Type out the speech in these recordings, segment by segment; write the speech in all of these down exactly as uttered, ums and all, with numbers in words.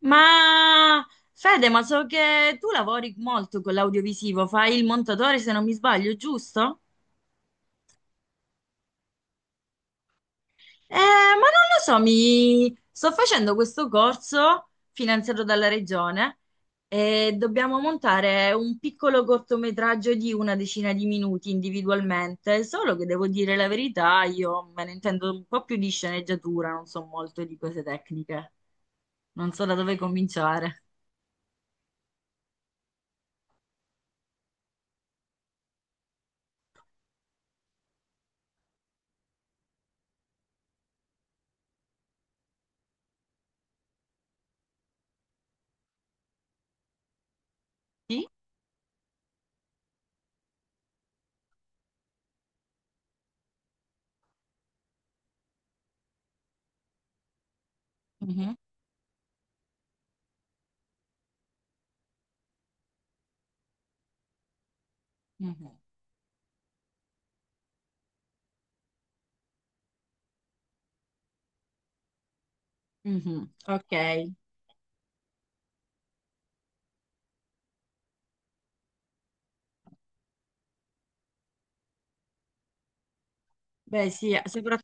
Ma Fede, ma so che tu lavori molto con l'audiovisivo, fai il montatore se non mi sbaglio, giusto? Eh, ma non lo so, mi sto facendo questo corso finanziato dalla regione e dobbiamo montare un piccolo cortometraggio di una decina di minuti individualmente, solo che devo dire la verità, io me ne intendo un po' più di sceneggiatura, non so molto di cose tecniche, non so da dove cominciare. Sì? Mhm, mhm, mhm. Ok. Beh, sì, sopra-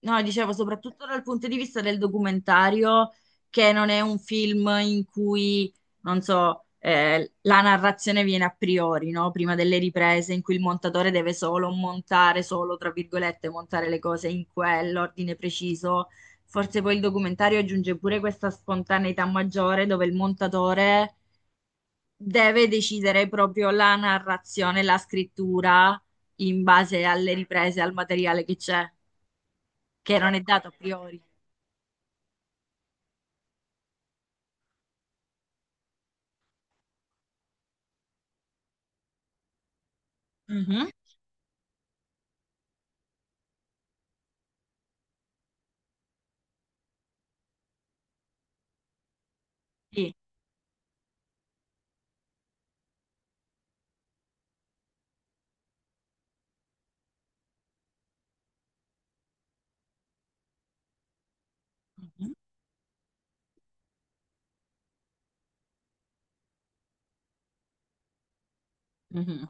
no, dicevo soprattutto dal punto di vista del documentario, che non è un film in cui, non so, eh, la narrazione viene a priori, no? Prima delle riprese, in cui il montatore deve solo montare, solo, tra virgolette, montare le cose in quell'ordine preciso. Forse poi il documentario aggiunge pure questa spontaneità maggiore dove il montatore deve decidere proprio la narrazione, la scrittura in base alle riprese, al materiale che c'è. Che non è dato a priori. Mhm. Sì. Mhm. Mhm.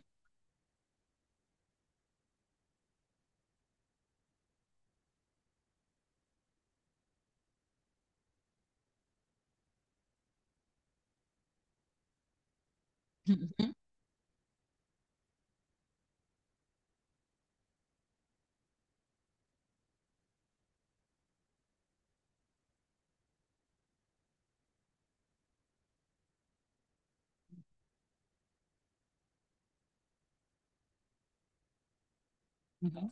Mhm. Mhm.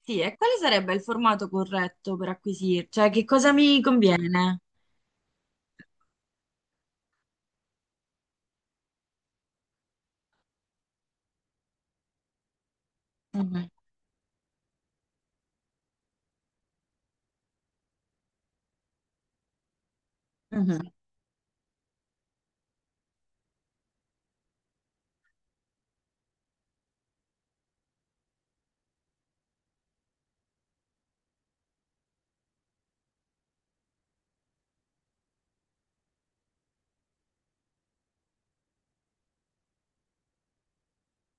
Sì, e quale sarebbe il formato corretto per acquisire? Cioè, che cosa mi conviene? Mhm. Mhm.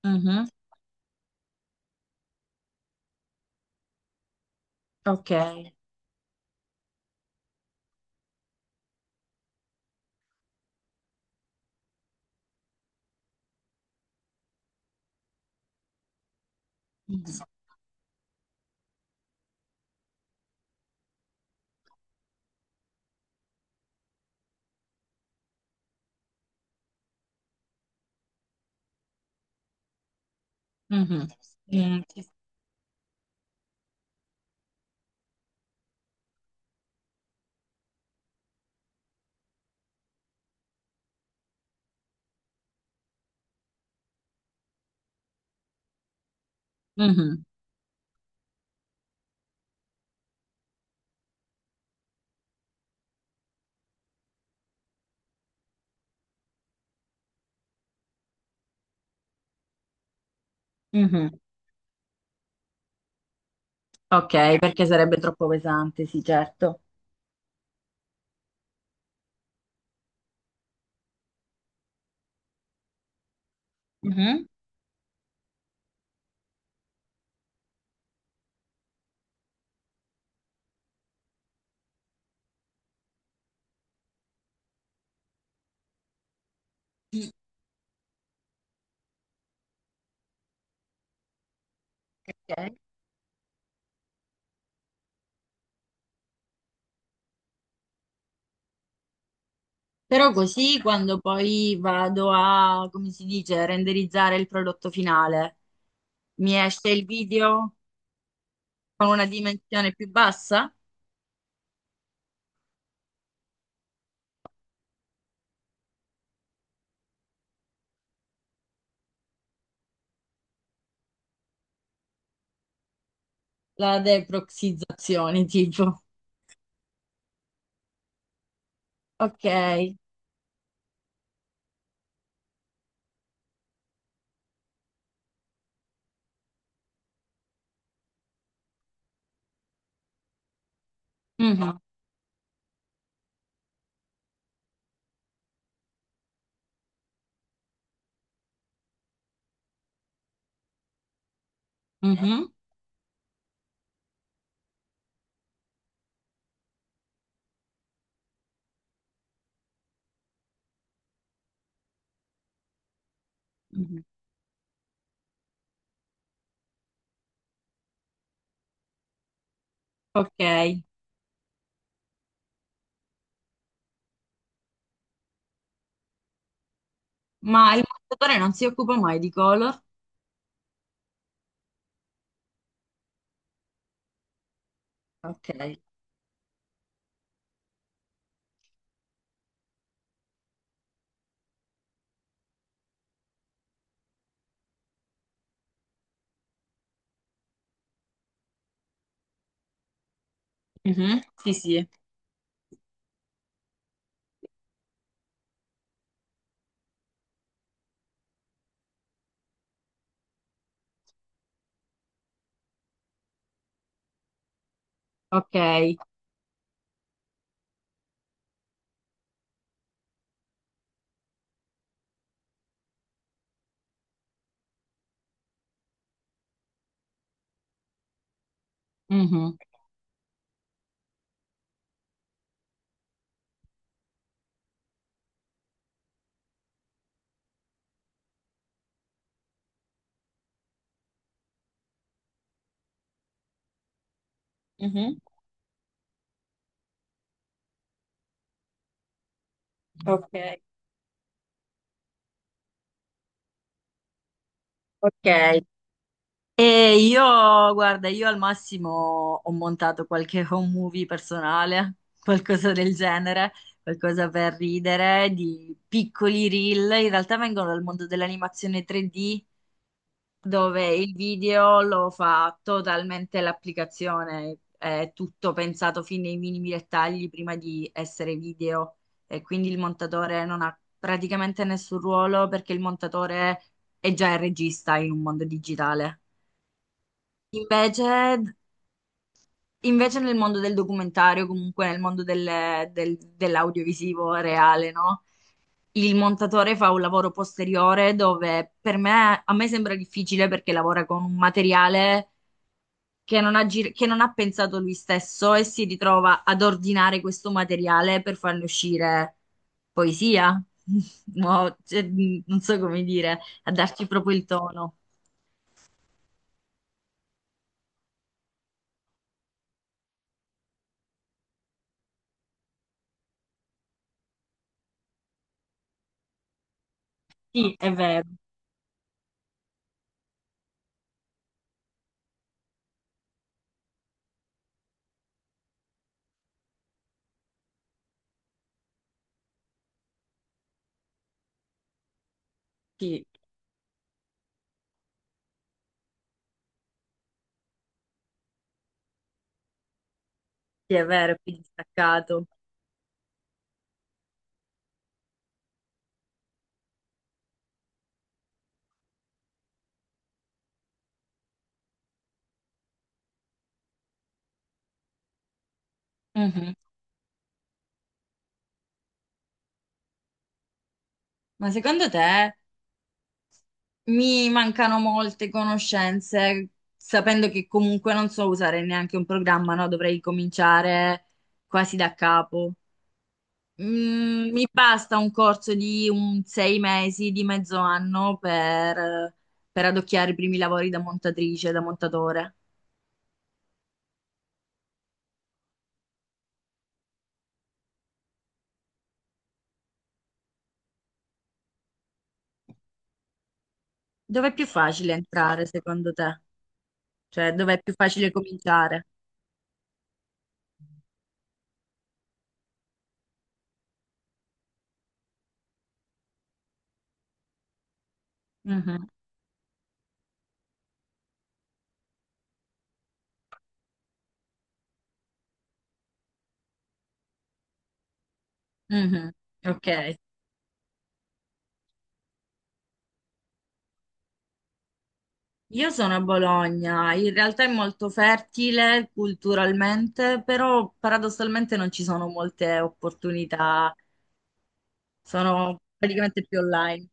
Mhm. Ok. Mhm. Mhm. Mhm. Mhm. Mhm. Ok, perché sarebbe troppo pesante, sì, certo. Mhm. Ok. Però così quando poi vado a, come si dice, renderizzare il prodotto finale, mi esce il video con una dimensione più bassa? La deproxizzazione, tipo. Ok. Mhm, mhm, mhm. Ok. Ma il montatore non si occupa mai di color? Ok. Mhm, sì, sì. Ok. Mhm, mhm. Ok. Ok. E io, guarda, io al massimo ho montato qualche home movie personale, qualcosa del genere, qualcosa per ridere, di piccoli reel. In realtà vengono dal mondo dell'animazione tre D, dove il video lo fa totalmente l'applicazione, è tutto pensato fin nei minimi dettagli prima di essere video. E quindi il montatore non ha praticamente nessun ruolo perché il montatore è già il regista in un mondo digitale. Invece, invece nel mondo del documentario, comunque nel mondo del- del- dell'audiovisivo reale, no? Il montatore fa un lavoro posteriore dove per me, a me sembra difficile perché lavora con un materiale che non ha, gir- che non ha pensato lui stesso e si ritrova ad ordinare questo materiale per farne uscire poesia. No, cioè, non so come dire, a darci proprio il tono. Sì, è vero, sì, sì, è vero, è più distaccato. Mhm. Ma secondo te mi mancano molte conoscenze, sapendo che comunque non so usare neanche un programma, no? Dovrei cominciare quasi da capo. Mm, mi basta un corso di un sei mesi, di mezzo anno per, per adocchiare i primi lavori da montatrice, da montatore. Dov'è più facile entrare, secondo te? Cioè, dov'è più facile cominciare? Mhm. Mhm. Ok. Io sono a Bologna, in realtà è molto fertile culturalmente, però paradossalmente non ci sono molte opportunità, sono praticamente più online.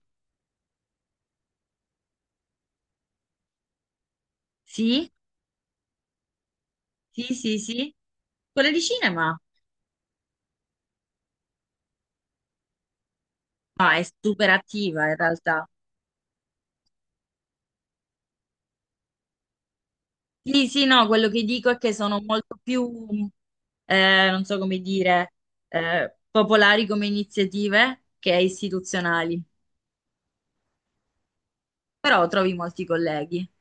Sì, sì, sì, sì. Quella di cinema? Ma è super attiva in realtà. Sì, sì, no, quello che dico è che sono molto più, eh, non so come dire, eh, popolari come iniziative che istituzionali, però trovi molti colleghi.